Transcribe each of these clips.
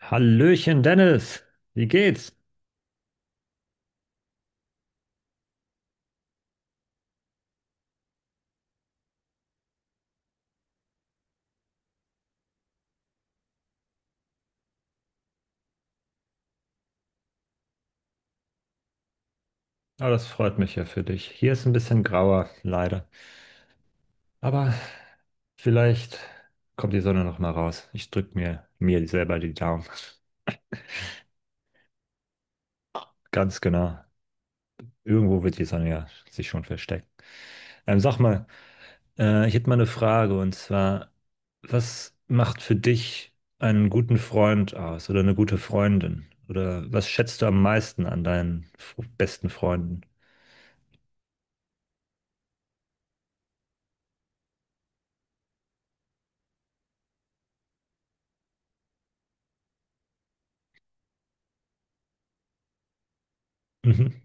Hallöchen, Dennis. Wie geht's? Oh, das freut mich ja für dich. Hier ist ein bisschen grauer, leider. Aber vielleicht kommt die Sonne noch mal raus. Ich drück mir selber die Daumen. Ganz genau. Irgendwo wird die Sonne ja sich schon verstecken. Sag mal, ich hätte mal eine Frage und zwar, was macht für dich einen guten Freund aus oder eine gute Freundin? Oder was schätzt du am meisten an deinen besten Freunden? Mhm.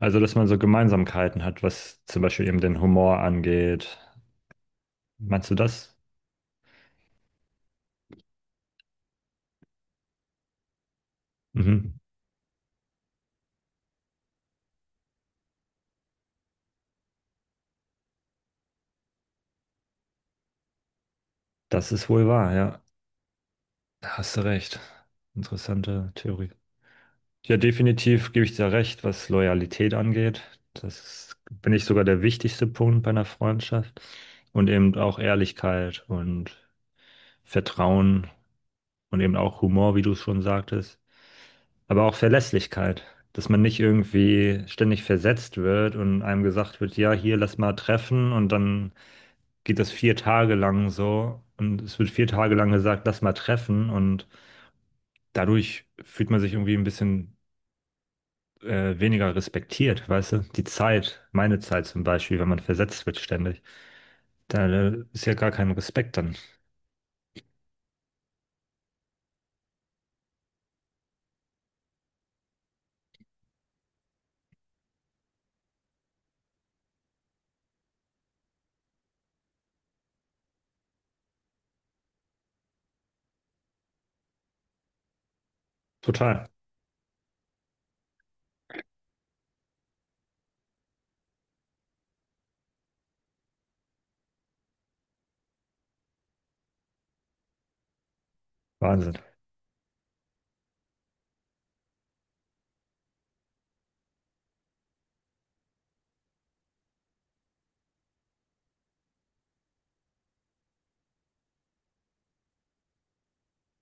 Also, dass man so Gemeinsamkeiten hat, was zum Beispiel eben den Humor angeht. Meinst du das? Mhm. Das ist wohl wahr, ja. Da hast du recht. Interessante Theorie. Ja, definitiv gebe ich dir recht, was Loyalität angeht. Das ist, bin ich sogar der wichtigste Punkt bei einer Freundschaft. Und eben auch Ehrlichkeit und Vertrauen und eben auch Humor, wie du es schon sagtest. Aber auch Verlässlichkeit, dass man nicht irgendwie ständig versetzt wird und einem gesagt wird, ja, hier lass mal treffen und dann geht das 4 Tage lang so und es wird 4 Tage lang gesagt, lass mal treffen und dadurch fühlt man sich irgendwie ein bisschen weniger respektiert, weißt du? Die Zeit, meine Zeit zum Beispiel, wenn man versetzt wird ständig, da ist ja gar kein Respekt dann. Total. Wahnsinn.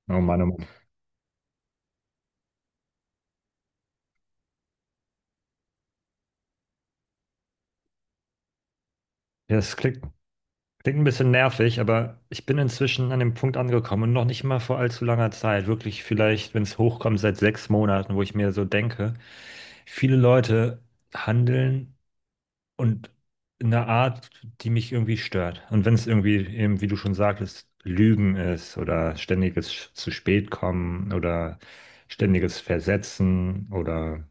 Oh Mann, oh Mann. Ja, klingt ein bisschen nervig, aber ich bin inzwischen an dem Punkt angekommen und noch nicht mal vor allzu langer Zeit, wirklich vielleicht, wenn es hochkommt, seit 6 Monaten, wo ich mir so denke, viele Leute handeln und in einer Art, die mich irgendwie stört. Und wenn es irgendwie eben, wie du schon sagtest, Lügen ist oder ständiges zu spät kommen oder ständiges Versetzen oder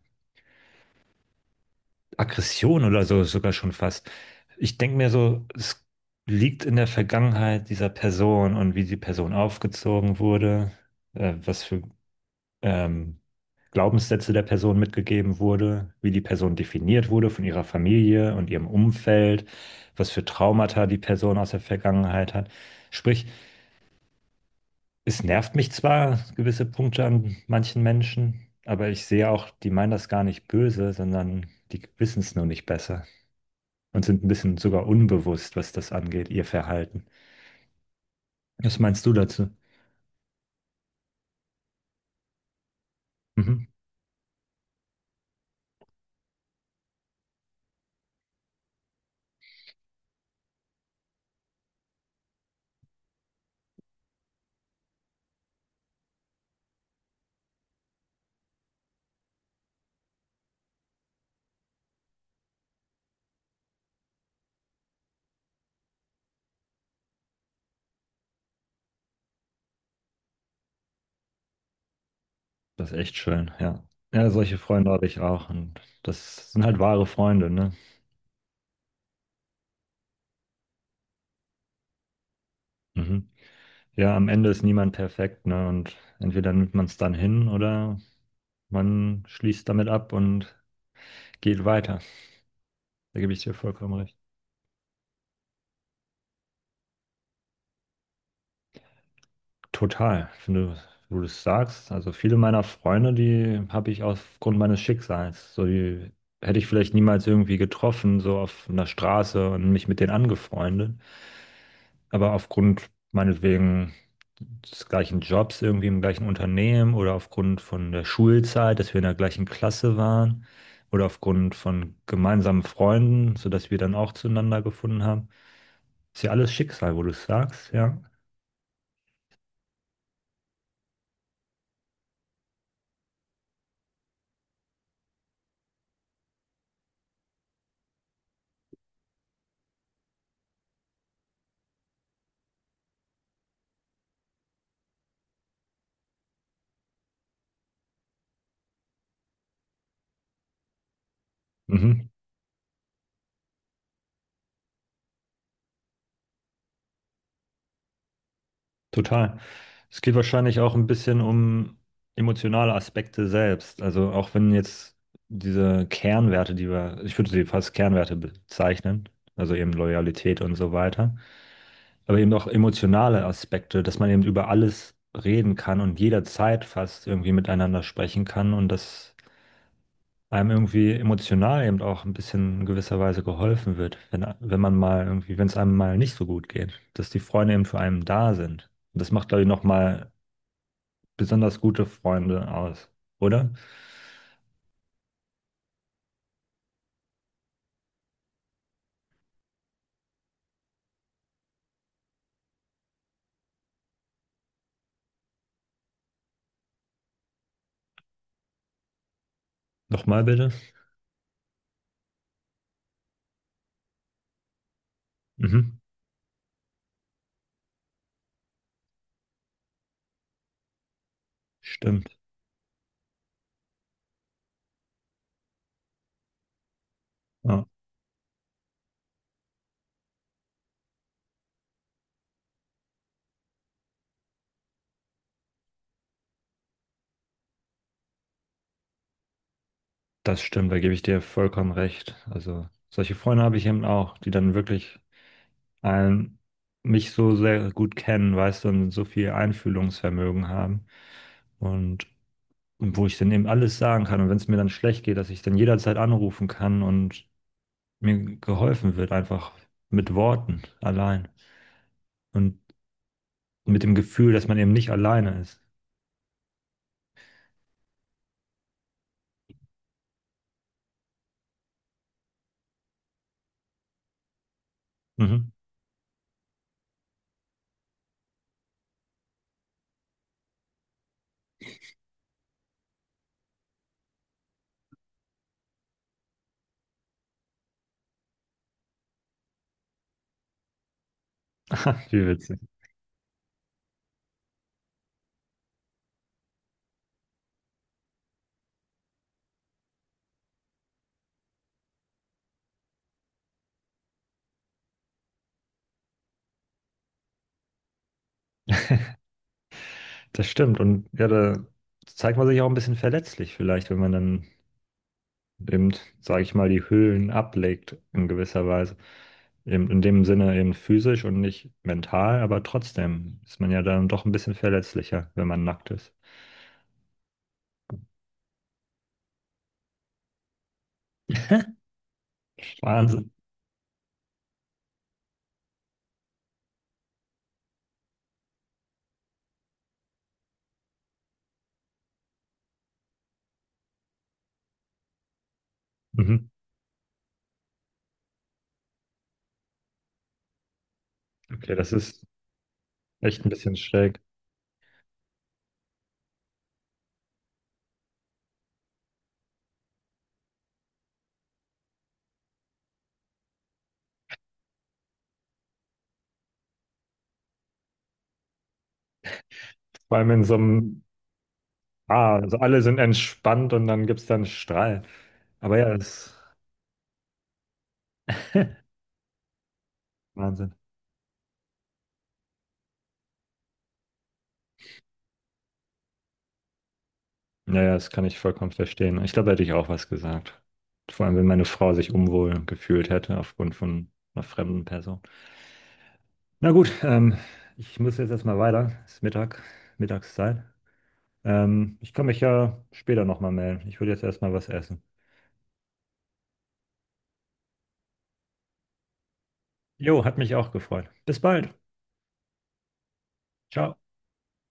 Aggression oder so sogar schon fast. Ich denke mir so, es liegt in der Vergangenheit dieser Person und wie die Person aufgezogen wurde, was für ähm, Glaubenssätze der Person mitgegeben wurde, wie die Person definiert wurde von ihrer Familie und ihrem Umfeld, was für Traumata die Person aus der Vergangenheit hat. Sprich, es nervt mich zwar gewisse Punkte an manchen Menschen, aber ich sehe auch, die meinen das gar nicht böse, sondern die wissen es nur nicht besser und sind ein bisschen sogar unbewusst, was das angeht, ihr Verhalten. Was meinst du dazu? Mhm. Das ist echt schön, ja. Ja, solche Freunde habe ich auch und das sind halt wahre Freunde, ne? Mhm. Ja, am Ende ist niemand perfekt, ne? Und entweder nimmt man es dann hin oder man schließt damit ab und geht weiter. Da gebe ich dir vollkommen recht. Total, wenn du das sagst. Also viele meiner Freunde, die habe ich aufgrund meines Schicksals. So, die hätte ich vielleicht niemals irgendwie getroffen, so auf einer Straße und mich mit denen angefreundet. Aber aufgrund meinetwegen des gleichen Jobs, irgendwie im gleichen Unternehmen oder aufgrund von der Schulzeit, dass wir in der gleichen Klasse waren oder aufgrund von gemeinsamen Freunden, sodass wir dann auch zueinander gefunden haben. Ist ja alles Schicksal, wo du es sagst, ja. Mhm. Total. Es geht wahrscheinlich auch ein bisschen um emotionale Aspekte selbst. Also auch wenn jetzt diese Kernwerte, ich würde sie fast Kernwerte bezeichnen, also eben Loyalität und so weiter, aber eben auch emotionale Aspekte, dass man eben über alles reden kann und jederzeit fast irgendwie miteinander sprechen kann und dass einem irgendwie emotional eben auch ein bisschen in gewisser Weise geholfen wird, wenn man mal irgendwie, wenn es einem mal nicht so gut geht, dass die Freunde eben für einen da sind. Das macht, glaube ich, nochmal besonders gute Freunde aus, oder? Nochmal bitte. Mhm. Stimmt. Ja, das stimmt, da gebe ich dir vollkommen recht. Also solche Freunde habe ich eben auch, die dann wirklich einen, mich so sehr gut kennen, weißt du, und so viel Einfühlungsvermögen haben. Und wo ich dann eben alles sagen kann. Und wenn es mir dann schlecht geht, dass ich dann jederzeit anrufen kann und mir geholfen wird, einfach mit Worten allein. Und mit dem Gefühl, dass man eben nicht alleine ist. Mhm. Wie witzig. Das stimmt. Und ja, da zeigt man sich auch ein bisschen verletzlich vielleicht, wenn man dann eben, sage ich mal, die Hüllen ablegt in gewisser Weise. Eben in dem Sinne eben physisch und nicht mental, aber trotzdem ist man ja dann doch ein bisschen verletzlicher, wenn man nackt ist. Wahnsinn. Mhm. Okay, das ist echt ein bisschen schräg. Vor allem in so einem, ah, also alle sind entspannt und dann gibt es dann Strahl. Aber ja, das ist Wahnsinn. Naja, das kann ich vollkommen verstehen. Ich glaube, da hätte ich auch was gesagt. Vor allem, wenn meine Frau sich unwohl gefühlt hätte aufgrund von einer fremden Person. Na gut, ich muss jetzt erstmal weiter. Es ist Mittag, Mittagszeit. Ich kann mich ja später nochmal melden. Ich würde jetzt erstmal was essen. Jo, hat mich auch gefreut. Bis bald. Ciao.